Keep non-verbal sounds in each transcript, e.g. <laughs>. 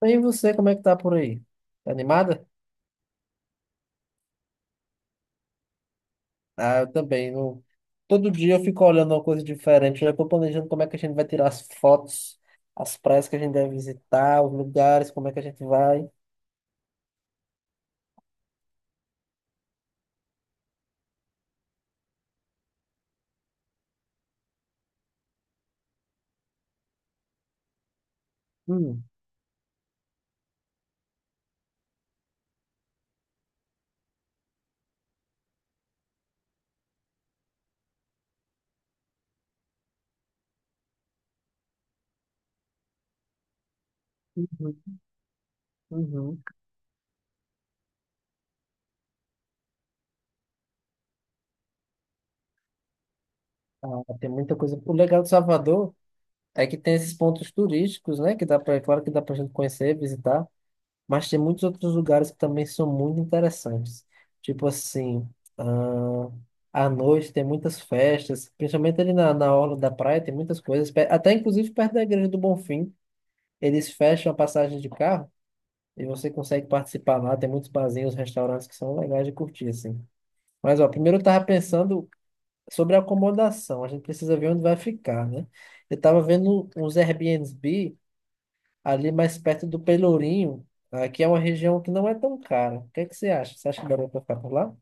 Bem, você, como é que tá por aí? Tá animada? Ah, eu também. Todo dia eu fico olhando uma coisa diferente. Eu já tô planejando como é que a gente vai tirar as fotos, as praias que a gente deve visitar, os lugares, como é que a gente vai. Hum, uhum, uhum. Ah, tem muita coisa. O legal de Salvador é que tem esses pontos turísticos, né? Que dá pra, é claro que dá pra gente conhecer, visitar. Mas tem muitos outros lugares que também são muito interessantes. Tipo assim, ah, à noite tem muitas festas, principalmente ali na orla da praia, tem muitas coisas. Até inclusive perto da Igreja do Bonfim, eles fecham a passagem de carro e você consegue participar lá. Tem muitos barzinhos, restaurantes que são legais de curtir, assim. Mas, ó, primeiro eu tava pensando sobre a acomodação. A gente precisa ver onde vai ficar, né? Eu tava vendo uns Airbnb ali mais perto do Pelourinho, aqui é uma região que não é tão cara. O que é que você acha? Você acha que daria para ficar por lá?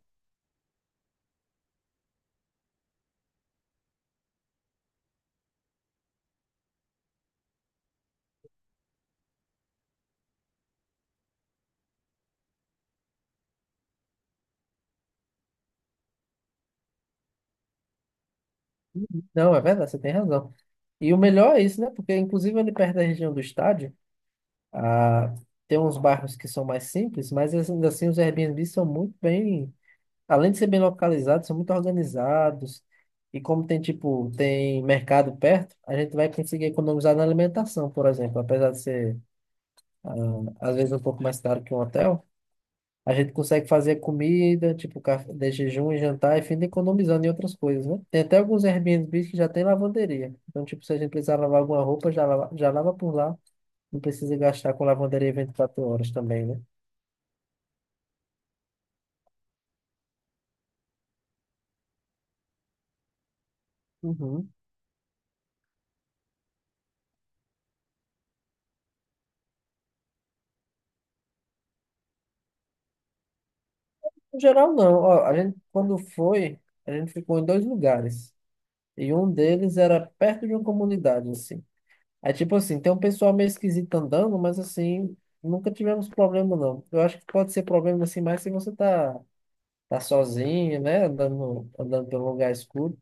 Não, é verdade, você tem razão. E o melhor é isso, né? Porque, inclusive, ali perto da região do estádio, ah, tem uns bairros que são mais simples, mas ainda assim os Airbnbs são muito bem, além de ser bem localizados, são muito organizados. E como tem, tipo, tem mercado perto, a gente vai conseguir economizar na alimentação, por exemplo, apesar de ser, ah, às vezes, um pouco mais caro que um hotel. A gente consegue fazer comida, tipo, café de jejum e jantar, e fim economizando em outras coisas, né? Tem até alguns Airbnbs que já tem lavanderia. Então, tipo, se a gente precisar lavar alguma roupa, já lava por lá. Não precisa gastar com lavanderia 24 horas também, né? Uhum. No geral, não. Ó, a gente, quando foi, a gente ficou em dois lugares. E um deles era perto de uma comunidade, assim. Aí, tipo assim, tem um pessoal meio esquisito andando, mas assim, nunca tivemos problema, não. Eu acho que pode ser problema, assim, mais se você tá sozinho, né? Andando, andando pelo lugar escuro.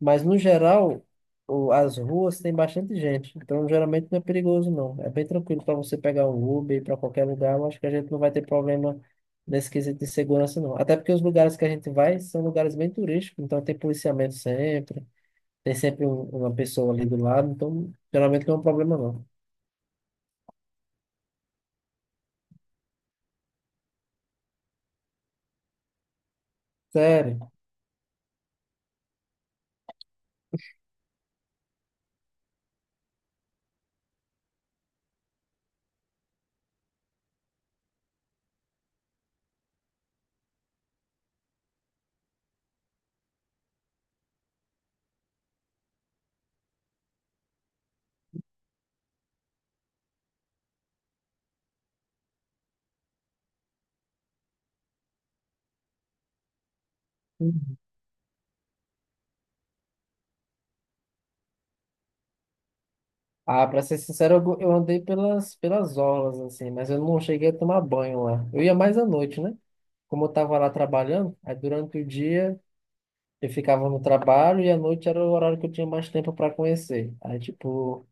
Mas no geral, as ruas tem bastante gente. Então geralmente não é perigoso, não. É bem tranquilo para você pegar um Uber para qualquer lugar. Eu acho que a gente não vai ter problema nesse quesito de segurança, não. Até porque os lugares que a gente vai são lugares bem turísticos, então tem policiamento sempre. Tem sempre uma pessoa ali do lado, então geralmente não é um problema, não. Sério. Ah, pra ser sincero, eu andei pelas orlas, assim, mas eu não cheguei a tomar banho lá. Eu ia mais à noite, né? Como eu estava lá trabalhando, aí durante o dia eu ficava no trabalho e à noite era o horário que eu tinha mais tempo para conhecer. Aí, tipo,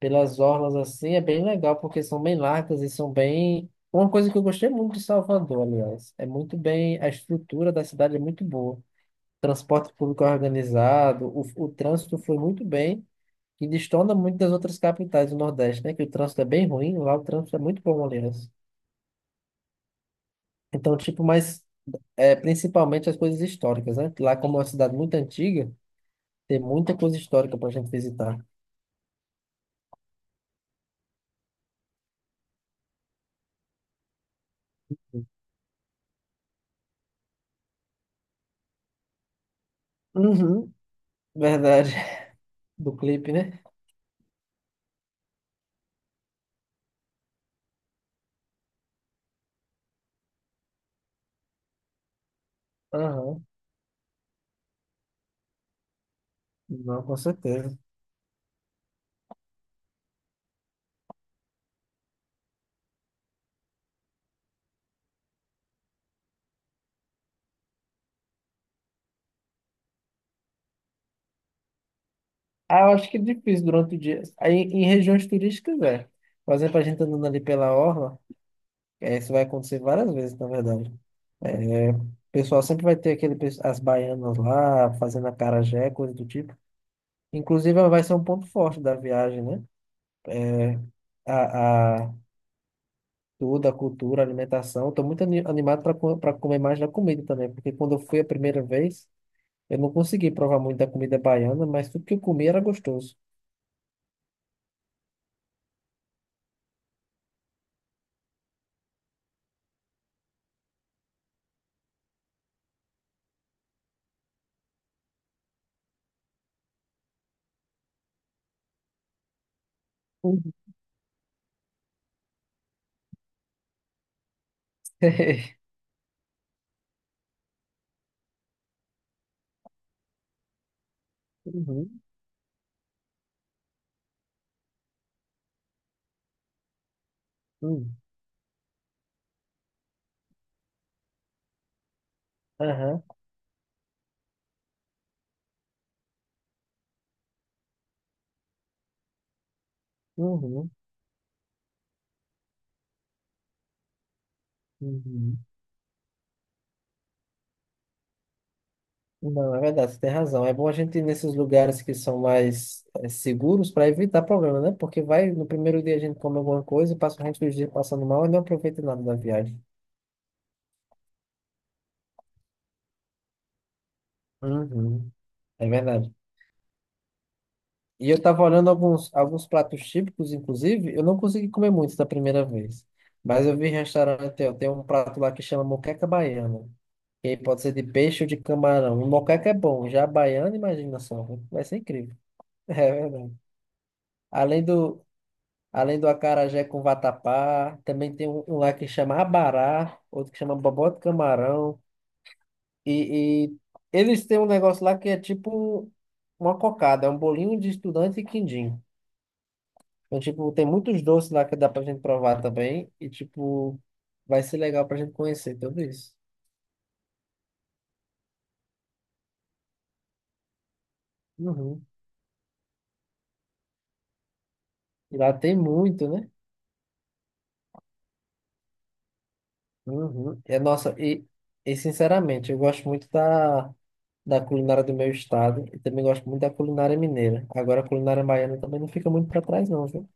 pelas orlas assim é bem legal, porque são bem largas e são bem. Uma coisa que eu gostei muito de Salvador, aliás, é muito bem, a estrutura da cidade é muito boa. Transporte público é organizado, o trânsito foi muito bem, e destona muito das outras capitais do Nordeste, né? Que o trânsito é bem ruim, lá o trânsito é muito bom, aliás. Então, tipo, mas é, principalmente as coisas históricas, né? Lá, como é uma cidade muito antiga, tem muita coisa histórica para a gente visitar. Uhum. Verdade. <laughs> Do clipe, né? Aham. Não, com certeza. Ah, eu acho que é difícil durante o dia. Aí, em regiões turísticas, é. Por exemplo, a gente andando ali pela orla, é, isso vai acontecer várias vezes, na verdade. O pessoal sempre vai ter aquele, as baianas lá, fazendo acarajé, coisa do tipo. Inclusive, vai ser um ponto forte da viagem, né? a Tudo, a cultura, a alimentação. Estou muito animado para comer mais da comida também, porque quando eu fui a primeira vez, eu não consegui provar muito da comida baiana, mas tudo que eu comi era gostoso. Uhum. <laughs> Uhum. Uhum. Aham. Uhum. Uhum. Não, é verdade, você tem razão. É bom a gente ir nesses lugares que são mais seguros para evitar problema, né? Porque vai, no primeiro dia a gente come alguma coisa e passa o resto dos dias passando mal e não aproveita nada da viagem. Uhum. É verdade. E eu estava olhando alguns pratos típicos, inclusive, eu não consegui comer muitos da primeira vez. Mas eu vi em restaurante, ó, tem um prato lá que chama moqueca baiana. Que aí pode ser de peixe ou de camarão. E moqueca é bom, já a baiana, imagina só, vai ser incrível. <laughs> É verdade. Além do, além do acarajé com vatapá, também tem um, um lá que chama abará, outro que chama bobó de camarão. E eles têm um negócio lá que é tipo uma cocada, é um bolinho de estudante e quindim. Então, tipo, tem muitos doces lá que dá pra gente provar também. E, tipo, vai ser legal pra gente conhecer tudo isso. Uhum. E lá tem muito, né? Uhum. E, nossa, e sinceramente, eu gosto muito da culinária do meu estado. E também gosto muito da culinária mineira. Agora, a culinária baiana também não fica muito para trás, não, viu?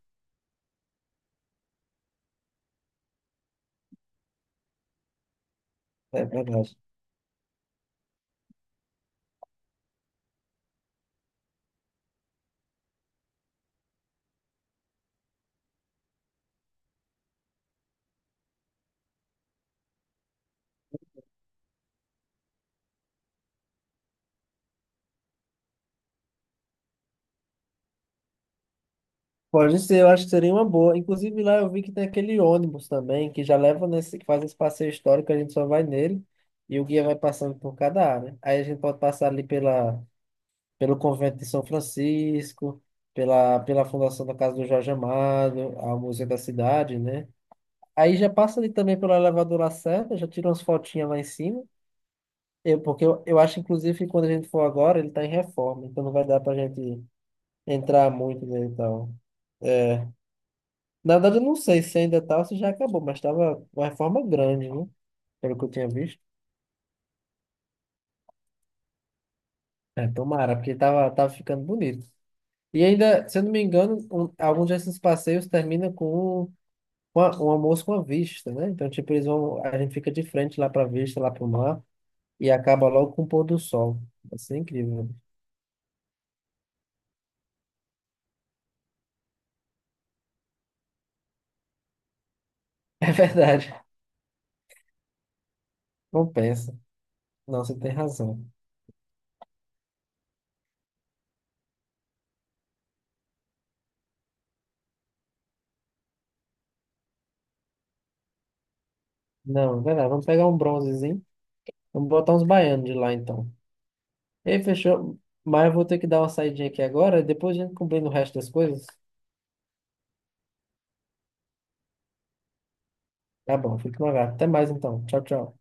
É verdade. Pode ser, eu acho que seria uma boa. Inclusive lá eu vi que tem aquele ônibus também, que já leva nesse, que faz esse passeio histórico, a gente só vai nele e o guia vai passando por cada área. Aí a gente pode passar ali pelo convento de São Francisco, pela fundação da Casa do Jorge Amado, a Museu da Cidade, né? Aí já passa ali também pelo elevador Lacerda, já tira umas fotinhas lá em cima. Eu acho, inclusive, que quando a gente for agora, ele está em reforma, então não vai dar pra gente entrar muito nele e tal. Na verdade, eu não sei se ainda tá ou se já acabou, mas tava uma reforma grande, né? Pelo que eu tinha visto. É, tomara, porque tava ficando bonito. E ainda, se eu não me engano, alguns desses passeios terminam com um, um almoço com a vista, né? Então, tipo, eles vão, a gente fica de frente lá pra vista, lá pro mar, e acaba logo com o pôr do sol. Vai ser incrível. <laughs> É verdade. Compensa. Não, você tem razão. Não, é verdade. Vamos pegar um bronzezinho. Vamos botar uns baianos de lá, então. Ei, fechou. Mas eu vou ter que dar uma saidinha aqui agora. Depois a gente combina o resto das coisas. Tá bom, fica no lugar. Até mais então. Tchau, tchau.